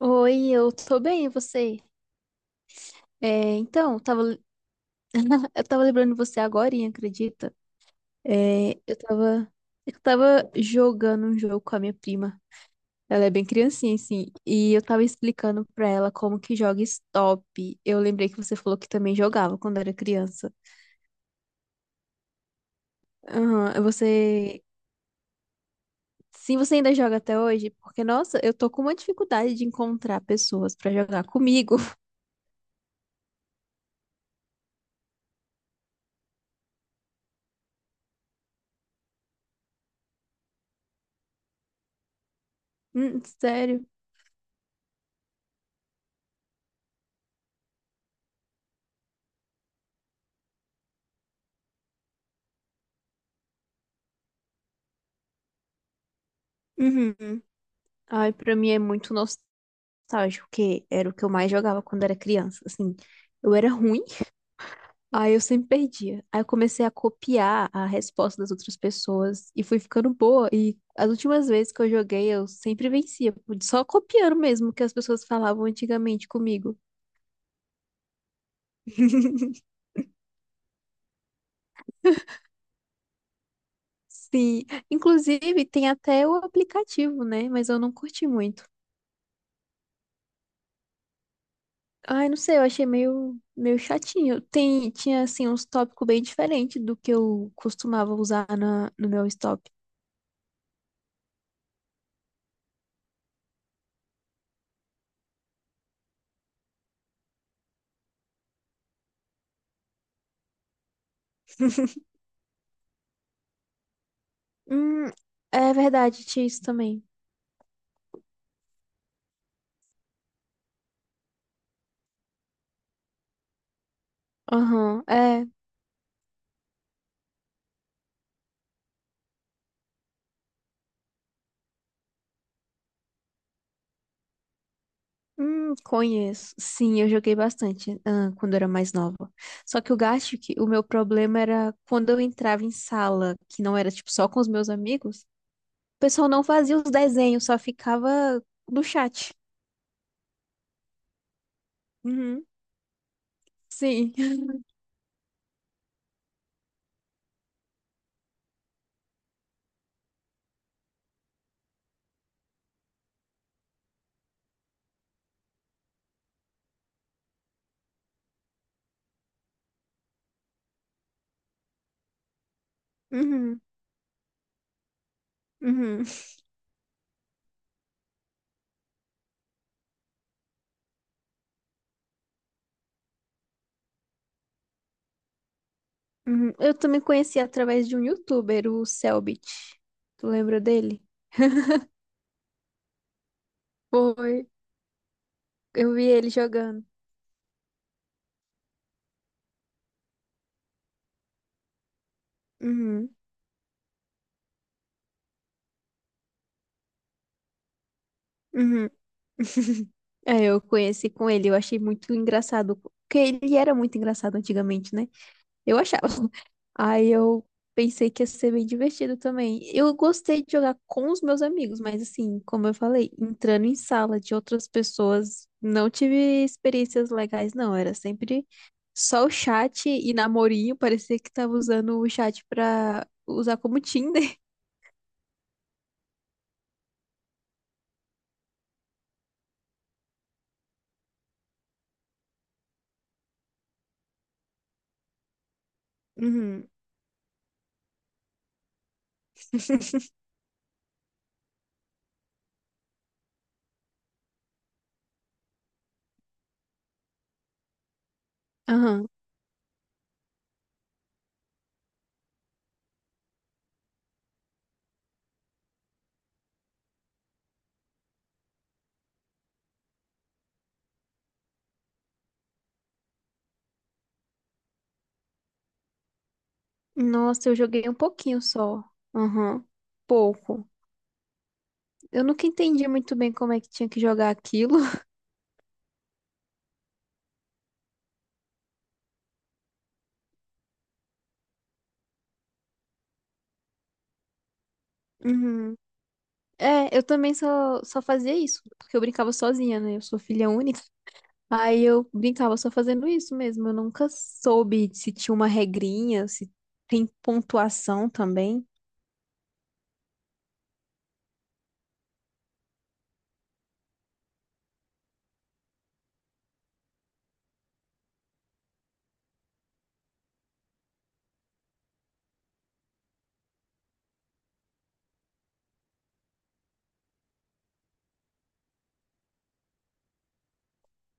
Oi, eu tô bem, e você? É, então, eu tava, eu tava lembrando de você agora, acredita? É, eu tava jogando um jogo com a minha prima. Ela é bem criancinha, assim, e eu tava explicando pra ela como que joga Stop. Eu lembrei que você falou que também jogava quando era criança. Aham, você... Sim, você ainda joga até hoje? Porque, nossa, eu tô com uma dificuldade de encontrar pessoas pra jogar comigo. Sério? Uhum. Ai, pra mim é muito nostálgico, que era o que eu mais jogava quando era criança, assim. Eu era ruim, aí eu sempre perdia. Aí eu comecei a copiar a resposta das outras pessoas e fui ficando boa. E as últimas vezes que eu joguei, eu sempre vencia, só copiando mesmo o que as pessoas falavam antigamente comigo. Sim, inclusive tem até o aplicativo, né? Mas eu não curti muito. Ai, não sei, eu achei meio chatinho. Tem, tinha, assim, uns tópicos bem diferentes do que eu costumava usar no meu stop. Hum, é verdade, tinha isso também. Aham, é. Conheço. Sim, eu joguei bastante, ah, quando eu era mais nova. Só que eu acho que o meu problema era quando eu entrava em sala, que não era tipo só com os meus amigos, o pessoal não fazia os desenhos, só ficava no chat. Uhum, sim. Uhum, uhum, uhum. Eu também conheci através de um youtuber, o Selbit. Tu lembra dele? Foi. Eu vi ele jogando. Uhum, uhum. É, eu conheci com ele, eu achei muito engraçado, porque ele era muito engraçado antigamente, né? Eu achava. Aí eu pensei que ia ser bem divertido também. Eu gostei de jogar com os meus amigos, mas assim, como eu falei, entrando em sala de outras pessoas, não tive experiências legais, não. Era sempre só o chat e namorinho, parecia que tava usando o chat pra usar como Tinder. Uhum. Aham. Nossa, eu joguei um pouquinho só. Aham. Pouco. Eu nunca entendi muito bem como é que tinha que jogar aquilo. Uhum. É, eu também só fazia isso, porque eu brincava sozinha, né? Eu sou filha única. Aí eu brincava só fazendo isso mesmo. Eu nunca soube se tinha uma regrinha, se tem pontuação também.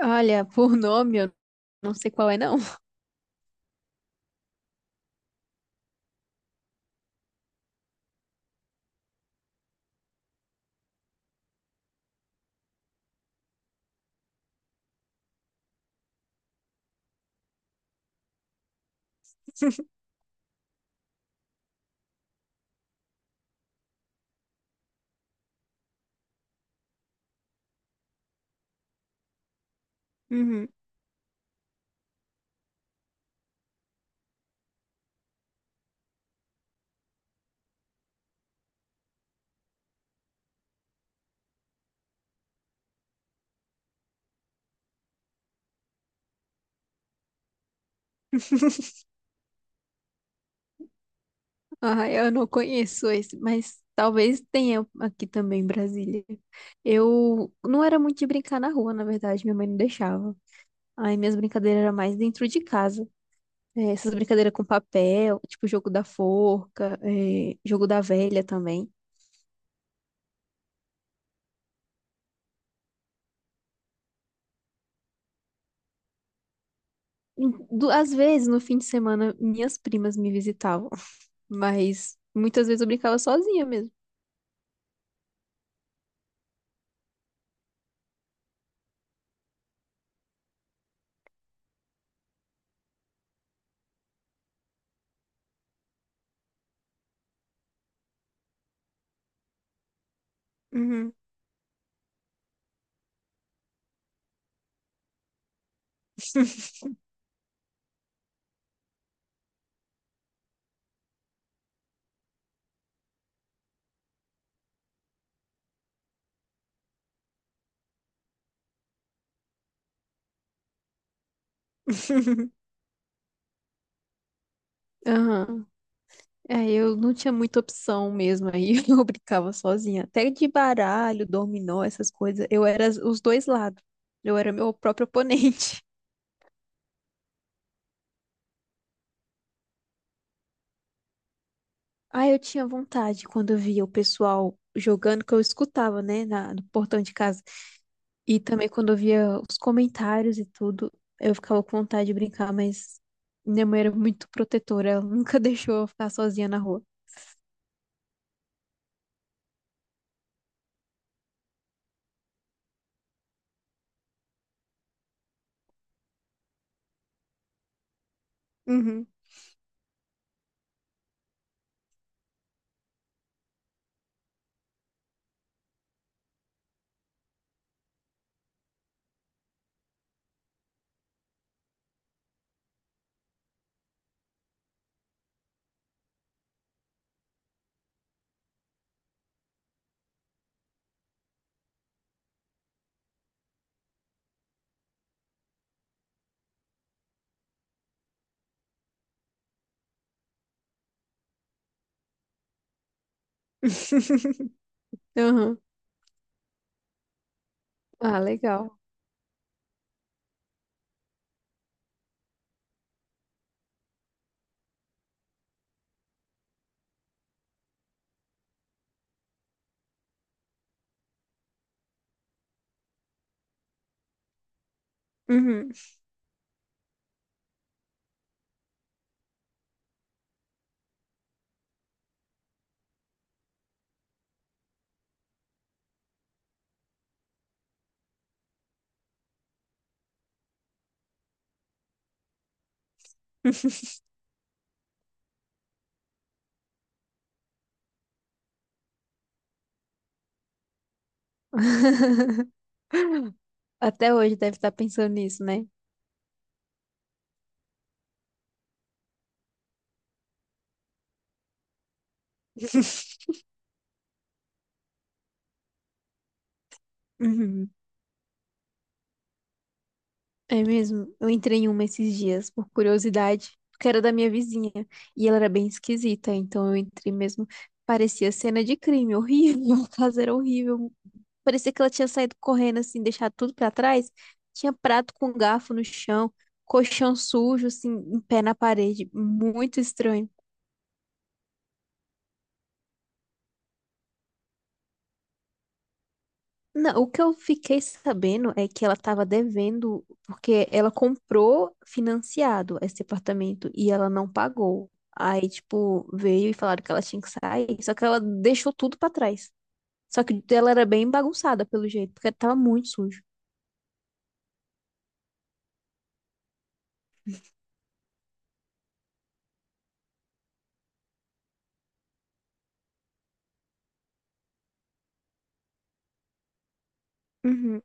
Olha, por nome, eu não sei qual é, não. Uhum. Ah, eu não conheço esse, mas talvez tenha aqui também em Brasília. Eu não era muito de brincar na rua, na verdade, minha mãe não deixava. Aí minhas brincadeiras eram mais dentro de casa. É, essas brincadeiras com papel, tipo jogo da forca, é, jogo da velha também. Em- du- Às vezes, no fim de semana, minhas primas me visitavam, mas muitas vezes eu brincava sozinha mesmo. Uhum. Aham. É, eu não tinha muita opção mesmo, aí eu brincava sozinha. Até de baralho, dominó, essas coisas, eu era as- os dois lados. Eu era meu próprio oponente. Ah, eu tinha vontade quando eu via o pessoal jogando, que eu escutava, né, no portão de casa. E também quando eu via os comentários e tudo, eu ficava com vontade de brincar, mas minha mãe era muito protetora, ela nunca deixou eu ficar sozinha na rua. Uhum. Uhum. Ah, legal. Uhum. Até hoje deve estar pensando nisso, né? Uhum. É mesmo? Eu entrei em uma esses dias, por curiosidade, porque era da minha vizinha. E ela era bem esquisita, então eu entrei mesmo. Parecia cena de crime, horrível. A casa era horrível. Parecia que ela tinha saído correndo, assim, deixado tudo pra trás. Tinha prato com garfo no chão, colchão sujo, assim, em pé na parede. Muito estranho. Não, o que eu fiquei sabendo é que ela estava devendo, porque ela comprou financiado esse apartamento e ela não pagou. Aí, tipo, veio e falaram que ela tinha que sair, só que ela deixou tudo pra trás. Só que ela era bem bagunçada pelo jeito, porque tava muito sujo. Uhum.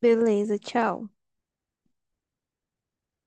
Beleza, tchau.